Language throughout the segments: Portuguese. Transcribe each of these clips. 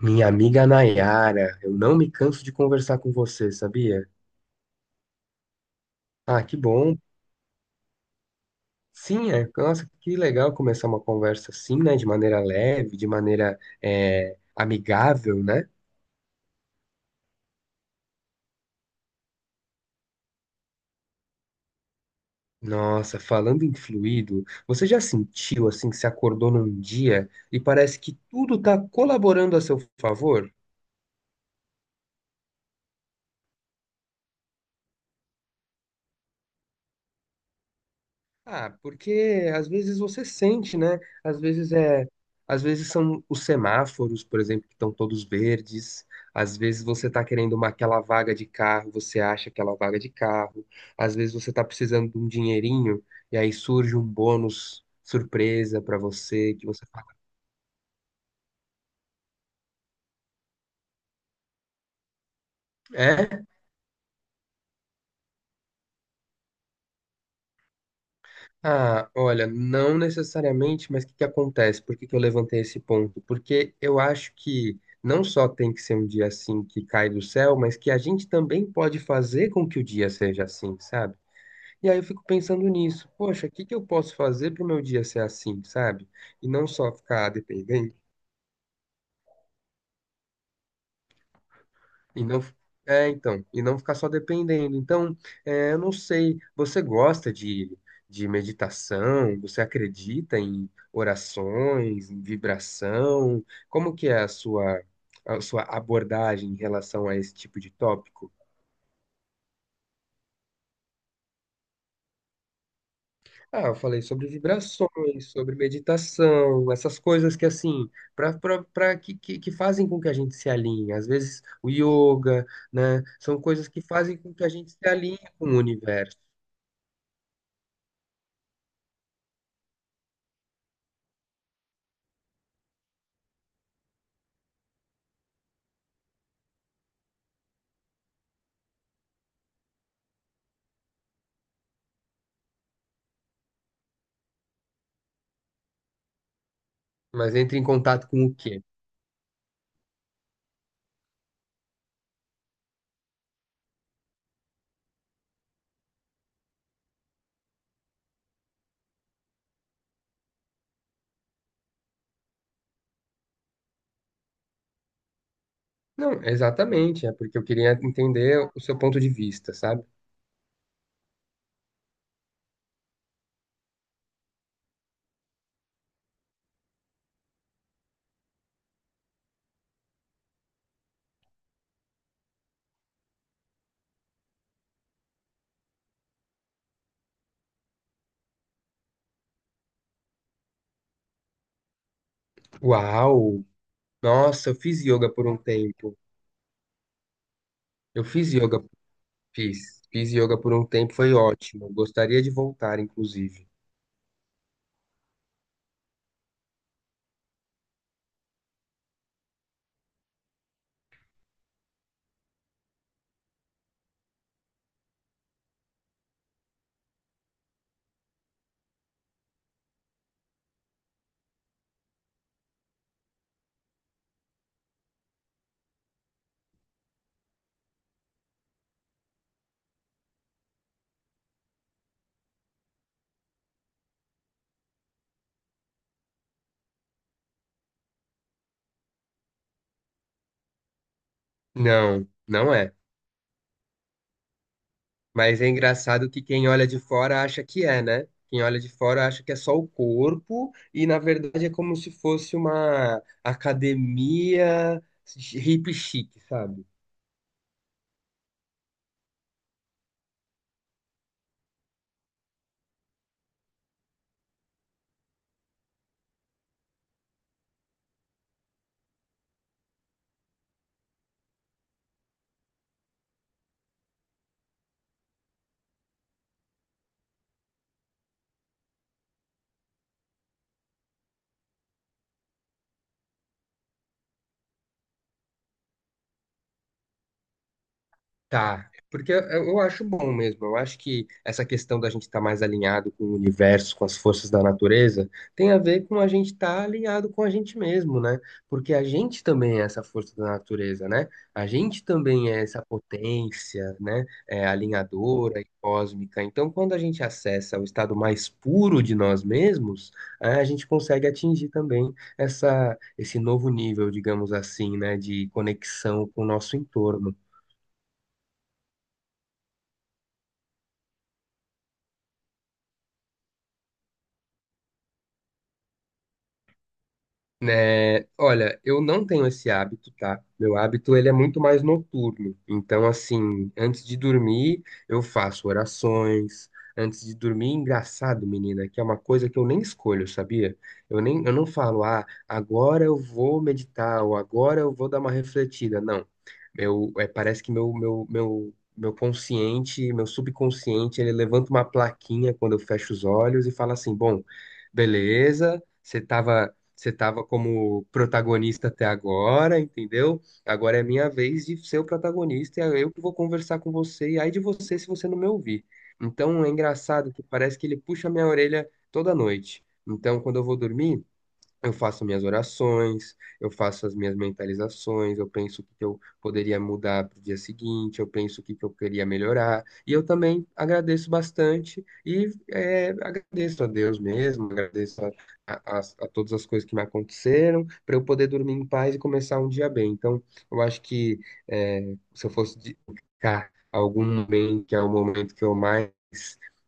Minha amiga Nayara, eu não me canso de conversar com você, sabia? Ah, que bom. Sim, é, nossa, que legal começar uma conversa assim, né? De maneira leve, de maneira amigável, né? Nossa, falando em fluido, você já sentiu assim que se acordou num dia e parece que tudo tá colaborando a seu favor? Ah, porque às vezes você sente, né? Às vezes são os semáforos, por exemplo, que estão todos verdes. Às vezes você está querendo uma aquela vaga de carro, você acha aquela vaga de carro. Às vezes você está precisando de um dinheirinho e aí surge um bônus surpresa para você que você fala, é? Ah, olha, não necessariamente, mas o que que acontece? Por que que eu levantei esse ponto? Porque eu acho que não só tem que ser um dia assim que cai do céu, mas que a gente também pode fazer com que o dia seja assim, sabe? E aí eu fico pensando nisso, poxa, o que que eu posso fazer para o meu dia ser assim, sabe? E não só ficar dependente. E não, é, então, e não ficar só dependendo. Então, é, eu não sei, você gosta de meditação? Você acredita em orações, em vibração? Como que é a a sua abordagem em relação a esse tipo de tópico? Ah, eu falei sobre vibrações, sobre meditação, essas coisas que assim, que fazem com que a gente se alinhe. Às vezes o yoga, né? São coisas que fazem com que a gente se alinhe com o universo. Mas entre em contato com o quê? Não, exatamente, é porque eu queria entender o seu ponto de vista, sabe? Uau! Nossa, eu fiz yoga por um tempo. Eu fiz yoga, fiz. Fiz yoga por um tempo, foi ótimo. Gostaria de voltar, inclusive. Não, não é. Mas é engraçado que quem olha de fora acha que é, né? Quem olha de fora acha que é só o corpo e, na verdade, é como se fosse uma academia hip chique, sabe? Tá, é porque eu acho bom mesmo. Eu acho que essa questão da gente estar mais alinhado com o universo, com as forças da natureza, tem a ver com a gente estar alinhado com a gente mesmo, né? Porque a gente também é essa força da natureza, né? A gente também é essa potência, né? É, alinhadora e cósmica. Então, quando a gente acessa o estado mais puro de nós mesmos, é, a gente consegue atingir também esse novo nível, digamos assim, né? De conexão com o nosso entorno. Né, olha, eu não tenho esse hábito, tá? Meu hábito, ele é muito mais noturno. Então, assim, antes de dormir, eu faço orações. Antes de dormir, engraçado, menina, que é uma coisa que eu nem escolho, sabia? Eu não falo, ah, agora eu vou meditar ou agora eu vou dar uma refletida. Não. Meu, é, parece que meu consciente, meu subconsciente, ele levanta uma plaquinha quando eu fecho os olhos e fala assim, bom, beleza, você estava como protagonista até agora, entendeu? Agora é minha vez de ser o protagonista e é eu que vou conversar com você. E ai de você se você não me ouvir. Então é engraçado que parece que ele puxa minha orelha toda noite. Então, quando eu vou dormir, eu faço minhas orações, eu faço as minhas mentalizações, eu penso o que que eu poderia mudar para o dia seguinte, eu penso o que que eu queria melhorar. E eu também agradeço bastante e agradeço a Deus mesmo, agradeço a, as- a todas as coisas que me aconteceram para eu poder dormir em paz e começar um dia bem. Então, eu acho que é, se eu fosse dedicar algum momento, que é o momento que eu mais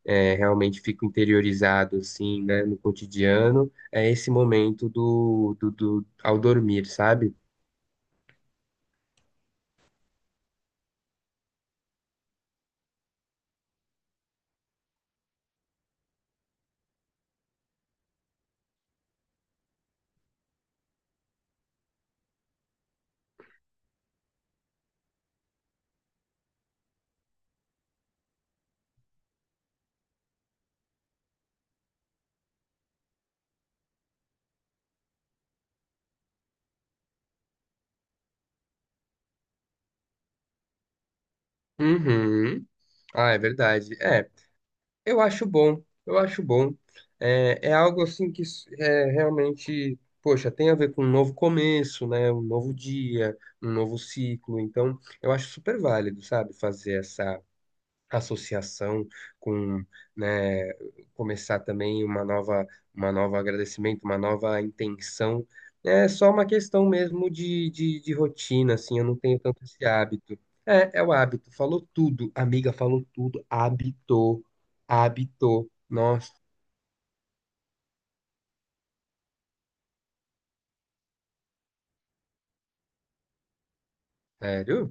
é, realmente fico interiorizado assim, né, no cotidiano, é esse momento ao dormir, sabe? Uhum. Ah, é verdade. É, eu acho bom, eu acho bom. É, é algo assim que é realmente, poxa, tem a ver com um novo começo, né? Um novo dia, um novo ciclo. Então, eu acho super válido, sabe? Fazer essa associação com, né, começar também uma nova agradecimento, uma nova intenção. É só uma questão mesmo de rotina, assim, eu não tenho tanto esse hábito. É, é o hábito, falou tudo, amiga, falou tudo, hábito. Nossa, sério?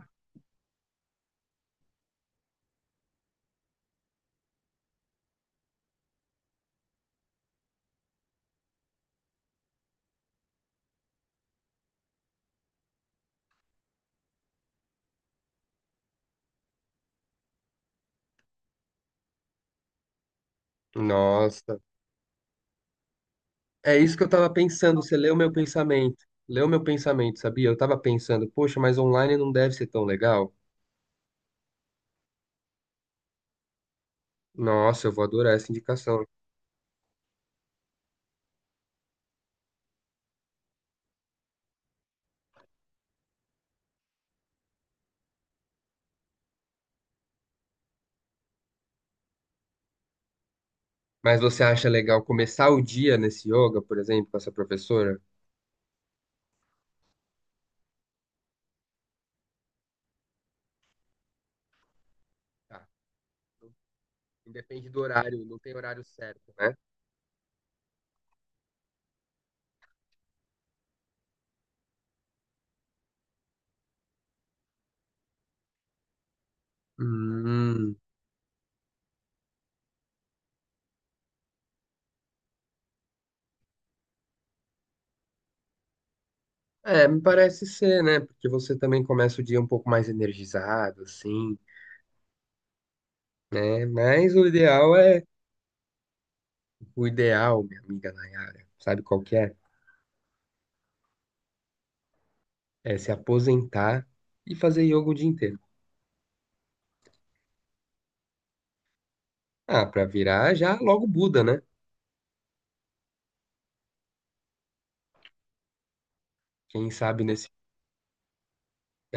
Nossa. É isso que eu tava pensando, você leu meu pensamento. Leu meu pensamento, sabia? Eu tava pensando, poxa, mas online não deve ser tão legal. Nossa, eu vou adorar essa indicação. Mas você acha legal começar o dia nesse yoga, por exemplo, com essa professora? Tá. Independe do horário, não tem horário certo, né? Hum. É, me parece ser, né? Porque você também começa o dia um pouco mais energizado, assim, né? Mas o ideal é, o ideal, minha amiga Nayara, sabe qual que é? É se aposentar e fazer yoga o dia inteiro. Ah, pra virar já logo Buda, né? Quem sabe nesse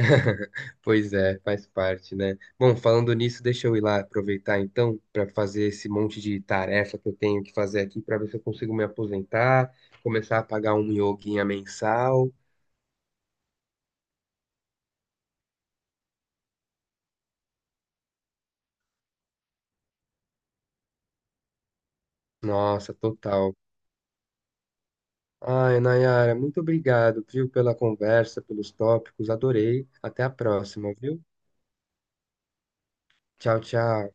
Pois é, faz parte, né? Bom, falando nisso, deixa eu ir lá aproveitar então para fazer esse monte de tarefa que eu tenho que fazer aqui para ver se eu consigo me aposentar, começar a pagar um yoguinha mensal. Nossa, total. Ai, Nayara, muito obrigado, viu, pela conversa, pelos tópicos, adorei. Até a próxima, viu? Tchau, tchau.